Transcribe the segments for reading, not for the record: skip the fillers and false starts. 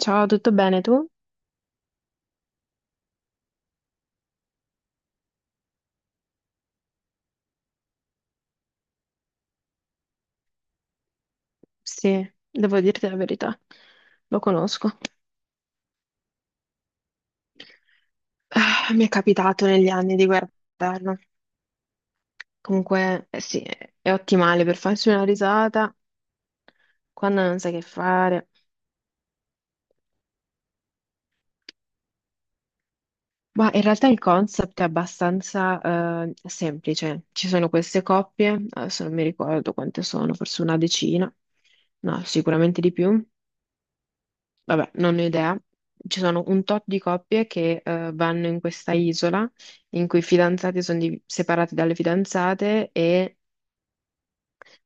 Ciao, tutto bene tu? Sì, devo dirti la verità, lo conosco. Ah, mi è capitato negli anni di guardarlo. Comunque, eh sì, è ottimale per farsi una risata quando non sai che fare. Ma in realtà il concept è abbastanza semplice. Ci sono queste coppie, adesso non mi ricordo quante sono, forse una decina, no, sicuramente di più. Vabbè, non ne ho idea. Ci sono un tot di coppie che vanno in questa isola in cui i fidanzati sono separati dalle fidanzate e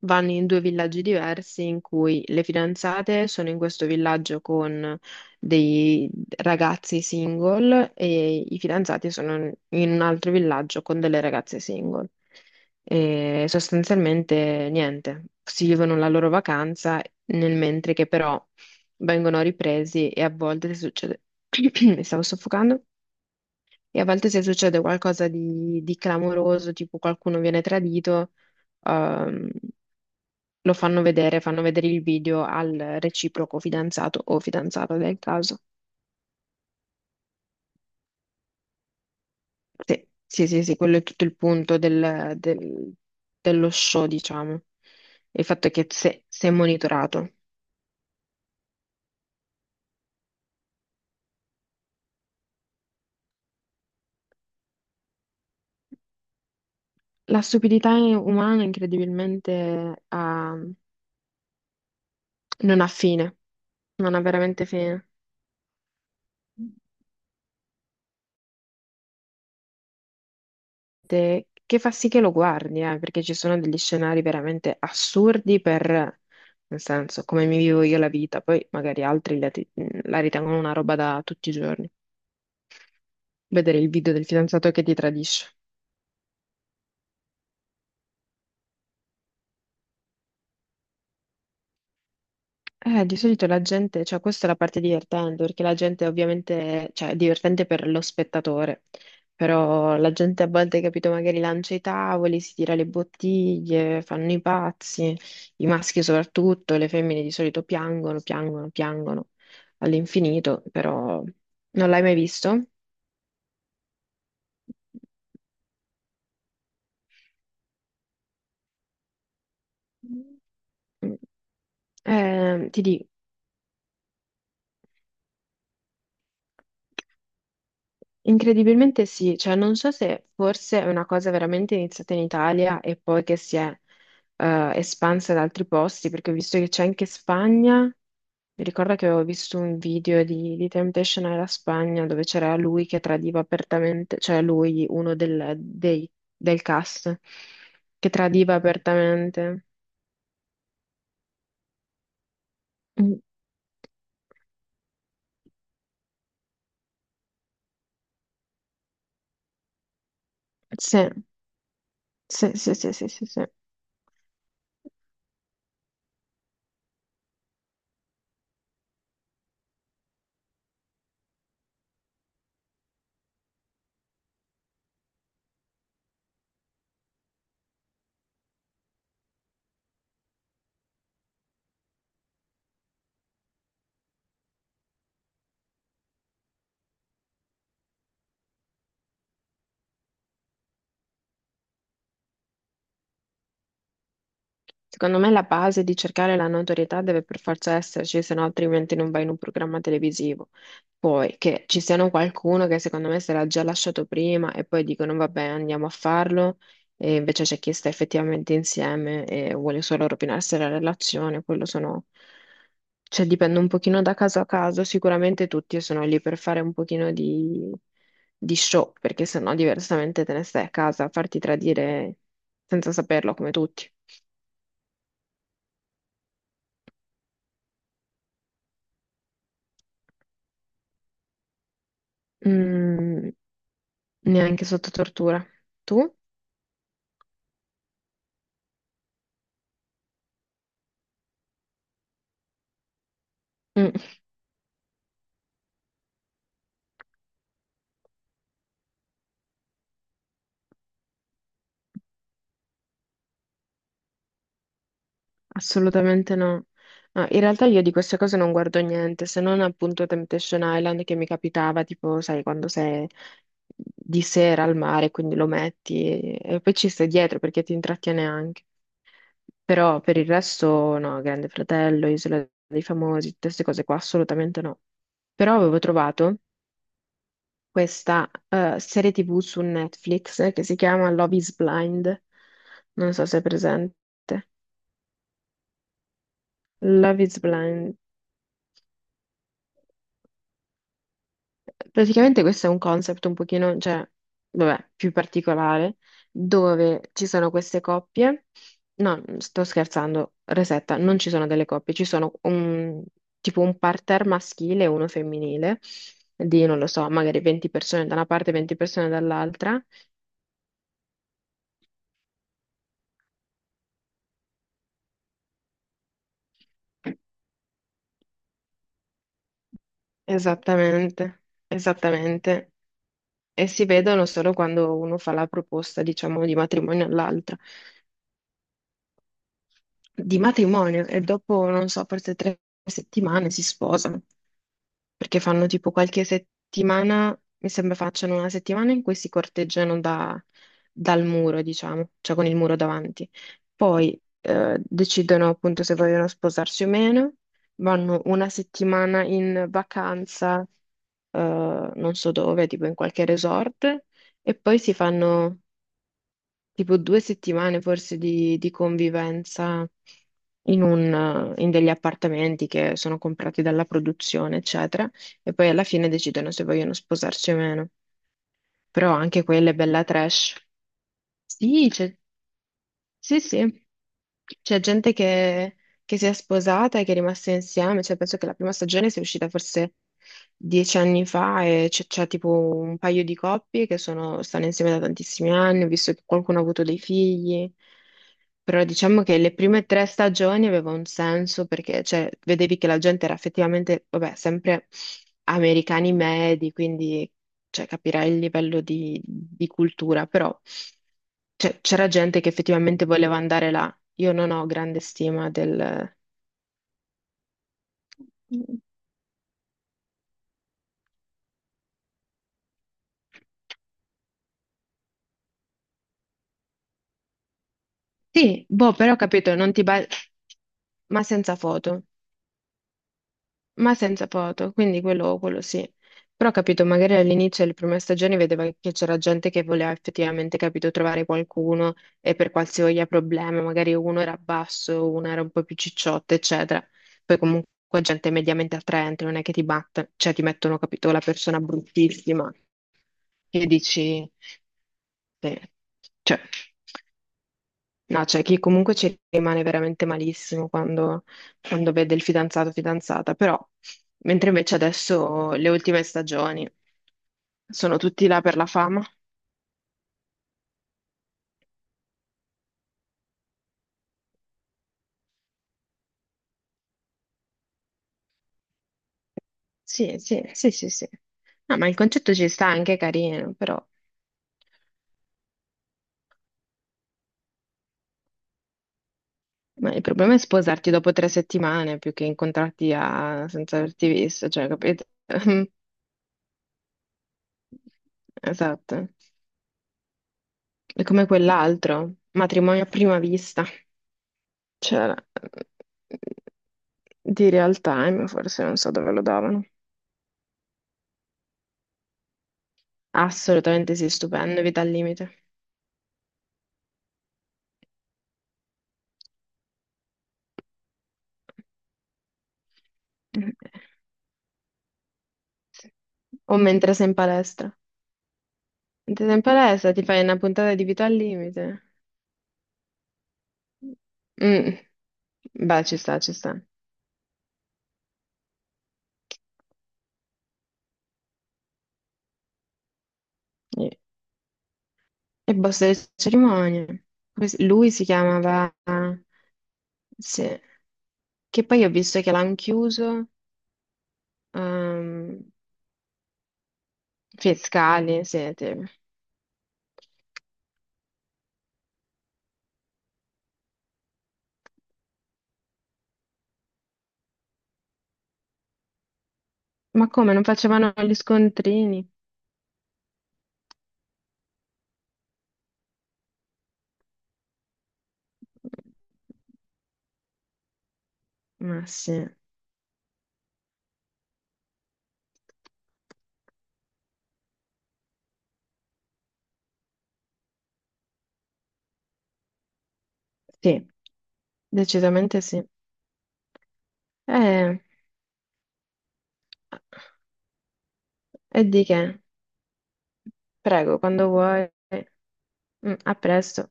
vanno in due villaggi diversi, in cui le fidanzate sono in questo villaggio con dei ragazzi single e i fidanzati sono in un altro villaggio con delle ragazze single. E sostanzialmente niente, si vivono la loro vacanza nel mentre che però vengono ripresi e a volte succede, mi stavo soffocando, e a volte, se succede qualcosa di clamoroso, tipo qualcuno viene tradito, ehm, lo fanno vedere il video al reciproco fidanzato o fidanzata del caso. Sì, sì, sì, sì, quello è tutto il punto dello show, diciamo. Il fatto è che se, se è monitorato. La stupidità umana incredibilmente non ha fine, non ha veramente fine. Che fa sì che lo guardi, perché ci sono degli scenari veramente assurdi per, nel senso, come mi vivo io la vita, poi magari altri la, la ritengono una roba da tutti i giorni. Vedere il video del fidanzato che ti tradisce. Di solito la gente, cioè questa è la parte divertente, perché la gente ovviamente, cioè è divertente per lo spettatore, però la gente a volte, capito, magari lancia i tavoli, si tira le bottiglie, fanno i pazzi, i maschi soprattutto, le femmine di solito piangono, piangono, piangono all'infinito, però non l'hai mai visto? Ti dico, incredibilmente sì, cioè non so se forse è una cosa veramente iniziata in Italia e poi che si è espansa ad altri posti, perché ho visto che c'è anche Spagna, mi ricordo che avevo visto un video di Temptation alla Spagna dove c'era lui che tradiva apertamente, cioè lui, uno del cast, che tradiva apertamente. Mm, sì, sì, sì, sì, sì, sì, sì. Secondo me la base di cercare la notorietà deve per forza esserci, se no altrimenti non vai in un programma televisivo. Poi che ci siano qualcuno che secondo me se l'ha già lasciato prima e poi dicono vabbè andiamo a farlo, e invece c'è chi sta effettivamente insieme e vuole solo rovinarsi la relazione, quello sono... Cioè dipende un pochino da caso a caso, sicuramente tutti sono lì per fare un pochino di show, perché sennò diversamente te ne stai a casa a farti tradire senza saperlo come tutti. Mm, neanche sotto tortura. Tu? Mm, assolutamente no. No, in realtà io di queste cose non guardo niente, se non appunto Temptation Island, che mi capitava, tipo, sai, quando sei di sera al mare, quindi lo metti e poi ci stai dietro perché ti intrattiene anche. Però per il resto no, Grande Fratello, Isola dei Famosi, tutte queste cose qua assolutamente no. Però avevo trovato questa serie TV su Netflix che si chiama Love is Blind. Non so se è presente. Love is Blind. Praticamente questo è un concept un pochino, cioè, vabbè, più particolare, dove ci sono queste coppie. No, sto scherzando, resetta, non ci sono delle coppie, ci sono un, tipo un parterre maschile e uno femminile di, non lo so, magari 20 persone da una parte e 20 persone dall'altra. Esattamente, esattamente. E si vedono solo quando uno fa la proposta, diciamo, di matrimonio all'altra, di matrimonio, e dopo, non so, forse 3 settimane si sposano, perché fanno tipo qualche settimana, mi sembra facciano una settimana in cui si corteggiano dal muro, diciamo, cioè con il muro davanti. Poi decidono appunto se vogliono sposarsi o meno, vanno una settimana in vacanza, non so dove, tipo in qualche resort, e poi si fanno tipo 2 settimane forse di convivenza in, un, in degli appartamenti che sono comprati dalla produzione, eccetera, e poi alla fine decidono se vogliono sposarsi o meno. Però anche quella è bella trash. Sì, sì, sì. C'è gente che si è sposata e che è rimasta insieme, cioè penso che la prima stagione sia uscita forse 10 anni fa e c'è tipo un paio di coppie che sono, stanno insieme da tantissimi anni, ho visto che qualcuno ha avuto dei figli, però diciamo che le prime tre stagioni aveva un senso perché cioè, vedevi che la gente era effettivamente, vabbè, sempre americani medi, quindi cioè, capirai il livello di cultura, però cioè, c'era gente che effettivamente voleva andare là. Io non ho grande stima del... Sì, boh, però ho capito, non ti ba- ma senza foto, ma senza foto, quindi quello sì. Però ho capito, magari all'inizio delle prime stagioni vedeva che c'era gente che voleva effettivamente, capito, trovare qualcuno e per qualsiasi problema, magari uno era basso, uno era un po' più cicciotto, eccetera. Poi comunque gente mediamente attraente, non è che ti batte, cioè ti mettono, capito, la persona bruttissima, che dici, sì, cioè. No, c'è chi comunque ci rimane veramente malissimo quando, quando vede il fidanzato o fidanzata, però mentre invece adesso le ultime stagioni sono tutti là per la fama. Sì, sì, sì, sì, sì. No, ma il concetto ci sta, anche è carino, però ma il problema è sposarti dopo 3 settimane più che incontrarti senza averti visto, cioè, capito? Esatto. È come quell'altro, matrimonio a prima vista. C'era di real time, forse non so dove lo davano. Assolutamente sì, stupendo, vita al limite. O mentre sei in palestra. Mentre sei in palestra ti fai una puntata di vita al limite. Mm, beh, ci sta, ci sta. E e boss delle cerimonie. Lui si chiamava... Sì. Che poi ho visto che l'hanno chiuso. ehm, Fiscali, siete. Ma come, non facevano gli scontrini? Ma sì, sì, decisamente sì. Eh, e di che? Prego, quando vuoi. Mm, a presto.